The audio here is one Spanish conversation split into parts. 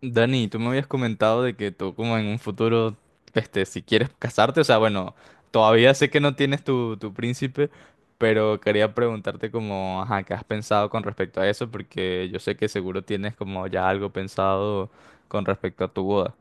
Dani, tú me habías comentado de que tú como en un futuro, si quieres casarte, o sea, bueno, todavía sé que no tienes tu príncipe, pero quería preguntarte como, ajá, ¿qué has pensado con respecto a eso? Porque yo sé que seguro tienes como ya algo pensado con respecto a tu boda.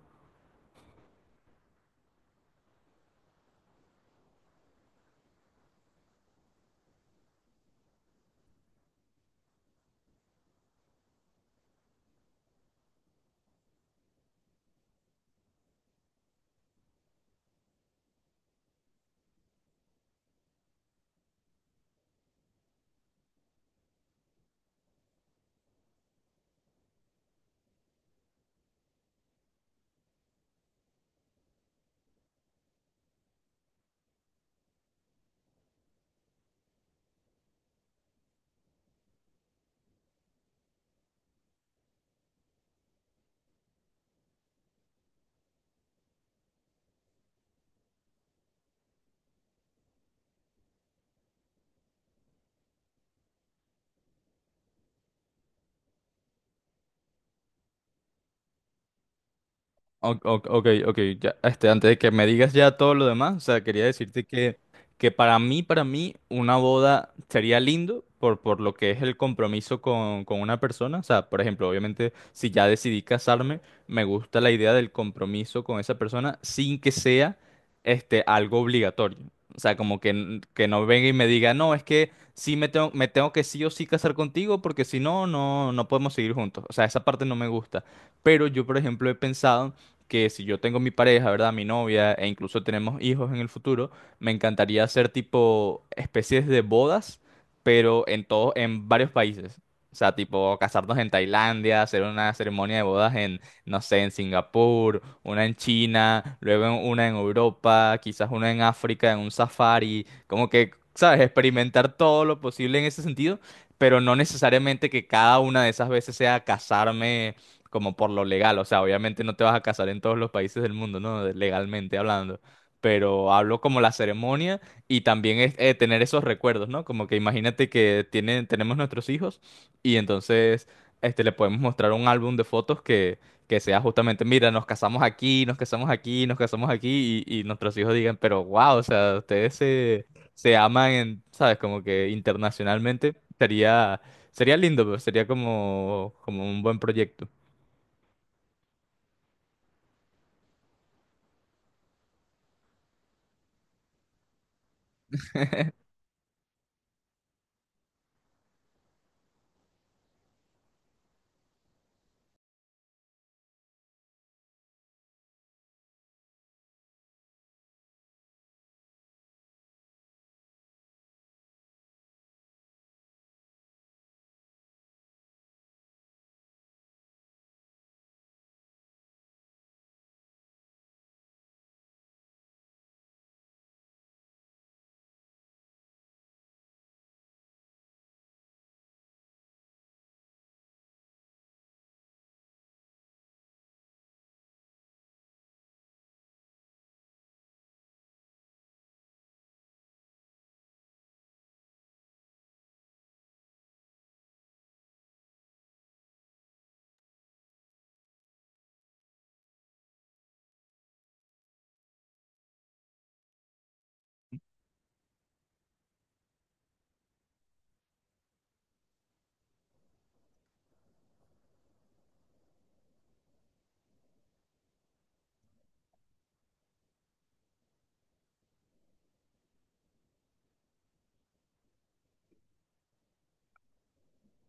Ok, ok, ya, antes de que me digas ya todo lo demás, o sea, quería decirte que para mí, una boda sería lindo por lo que es el compromiso con una persona, o sea, por ejemplo, obviamente, si ya decidí casarme, me gusta la idea del compromiso con esa persona sin que sea, algo obligatorio, o sea, como que, que no venga y me diga, no, es que sí me tengo que sí o sí casar contigo porque si no, no podemos seguir juntos, o sea, esa parte no me gusta, pero yo, por ejemplo, he pensado que si yo tengo mi pareja, ¿verdad? Mi novia, e incluso tenemos hijos en el futuro, me encantaría hacer tipo especies de bodas, pero en todo, en varios países. O sea, tipo casarnos en Tailandia, hacer una ceremonia de bodas en, no sé, en Singapur, una en China, luego una en Europa, quizás una en África, en un safari, como que, ¿sabes? Experimentar todo lo posible en ese sentido, pero no necesariamente que cada una de esas veces sea casarme como por lo legal, o sea, obviamente no te vas a casar en todos los países del mundo, ¿no? Legalmente hablando, pero hablo como la ceremonia y también es tener esos recuerdos, ¿no? Como que imagínate que tienen, tenemos nuestros hijos y entonces, le podemos mostrar un álbum de fotos que, sea justamente, mira, nos casamos aquí, nos casamos aquí, nos casamos aquí y nuestros hijos digan, pero wow, o sea, ustedes se, aman, en, ¿sabes? Como que internacionalmente sería... Sería lindo, pero sería como un buen proyecto.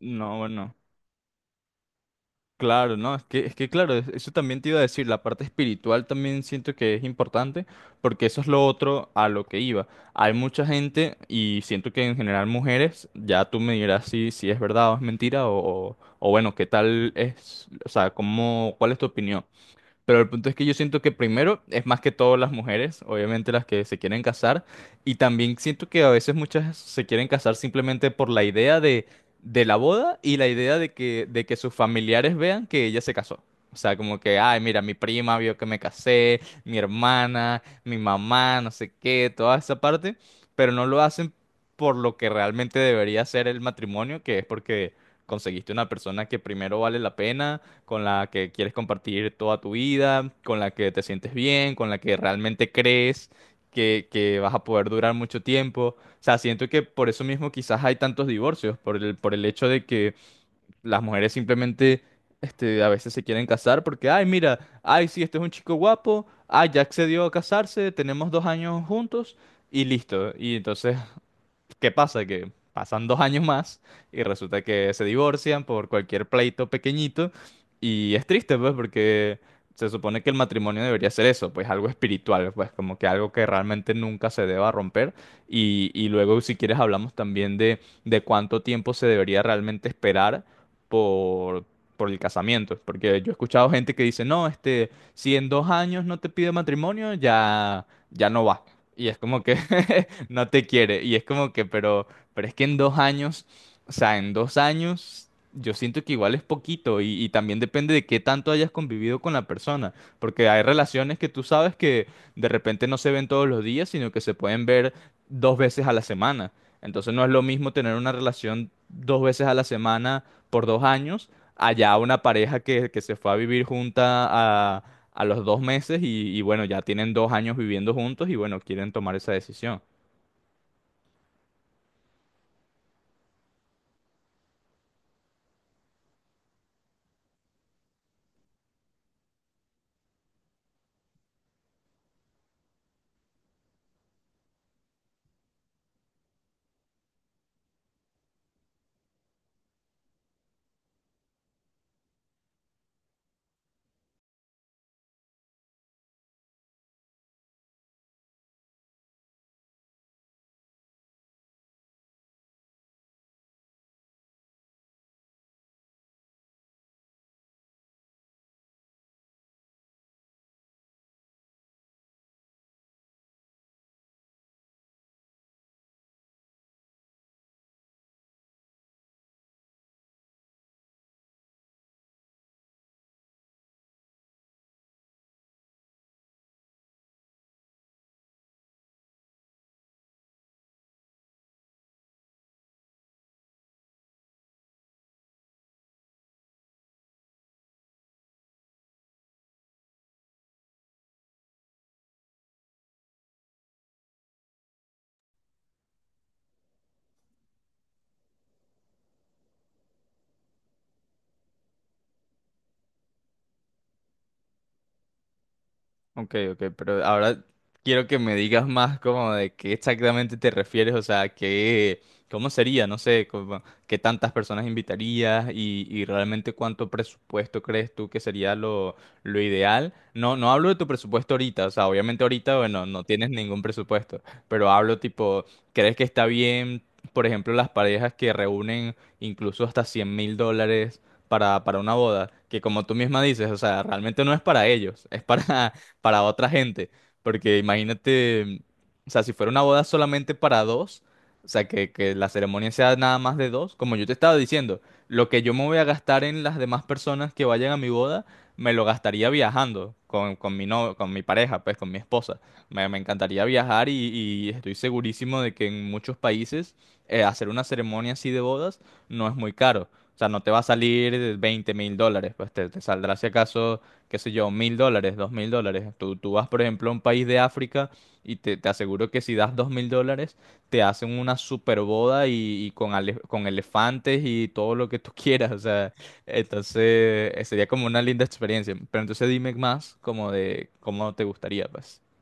No, bueno, claro, no, es que claro, eso también te iba a decir, la parte espiritual también siento que es importante, porque eso es lo otro a lo que iba. Hay mucha gente, y siento que en general mujeres, ya tú me dirás si, es verdad o es mentira, o bueno, qué tal es, o sea, cómo, cuál es tu opinión, pero el punto es que yo siento que primero es más que todo las mujeres, obviamente las que se quieren casar, y también siento que a veces muchas se quieren casar simplemente por la idea de, la boda y la idea de que sus familiares vean que ella se casó. O sea, como que, ay, mira, mi prima vio que me casé, mi hermana, mi mamá, no sé qué, toda esa parte, pero no lo hacen por lo que realmente debería ser el matrimonio, que es porque conseguiste una persona que primero vale la pena con la que quieres compartir toda tu vida, con la que te sientes bien, con la que realmente crees que, vas a poder durar mucho tiempo. O sea, siento que por eso mismo quizás hay tantos divorcios, por el hecho de que las mujeres simplemente, a veces se quieren casar porque, ay, mira, ay, sí, este es un chico guapo, ay, ya accedió a casarse, tenemos 2 años juntos. Y listo. Y entonces, ¿qué pasa? Que pasan 2 años más y resulta que se divorcian por cualquier pleito pequeñito y es triste, pues, porque se supone que el matrimonio debería ser eso, pues algo espiritual, pues como que algo que realmente nunca se deba romper y, luego si quieres hablamos también de cuánto tiempo se debería realmente esperar por... por el casamiento, porque yo he escuchado gente que dice, no, si en 2 años no te pide matrimonio, ya, ya no va. Y es como que no te quiere. Y es como que, pero, es que en 2 años, o sea, en 2 años, yo siento que igual es poquito y también depende de qué tanto hayas convivido con la persona, porque hay relaciones que tú sabes que de repente no se ven todos los días, sino que se pueden ver 2 veces a la semana. Entonces no es lo mismo tener una relación 2 veces a la semana por 2 años, allá una pareja que, se fue a vivir junta a a los 2 meses y bueno, ya tienen 2 años viviendo juntos y bueno, quieren tomar esa decisión. Ok, ok, pero ahora quiero que me digas más como de qué exactamente te refieres, o sea, qué, cómo sería, no sé, como, qué tantas personas invitarías y, realmente cuánto presupuesto crees tú que sería lo ideal. No, no hablo de tu presupuesto ahorita, o sea, obviamente ahorita, bueno, no tienes ningún presupuesto, pero hablo tipo, ¿crees que está bien, por ejemplo, las parejas que reúnen incluso hasta $100,000 para, una boda? Que como tú misma dices, o sea, realmente no es para ellos, es para otra gente. Porque imagínate, o sea, si fuera una boda solamente para dos, o sea, que la ceremonia sea nada más de dos, como yo te estaba diciendo, lo que yo me voy a gastar en las demás personas que vayan a mi boda, me lo gastaría viajando con mi no, con mi pareja, pues con mi esposa. Me, encantaría viajar y estoy segurísimo de que en muchos países, hacer una ceremonia así de bodas no es muy caro. O sea, no te va a salir $20,000, pues te, saldrá si acaso qué sé yo, $1,000, $2,000. Tú, vas, por ejemplo, a un país de África y te aseguro que si das $2,000, te hacen una super boda y con elefantes y todo lo que tú quieras. O sea, entonces, sería como una linda experiencia. Pero entonces dime más como de cómo te gustaría, pues.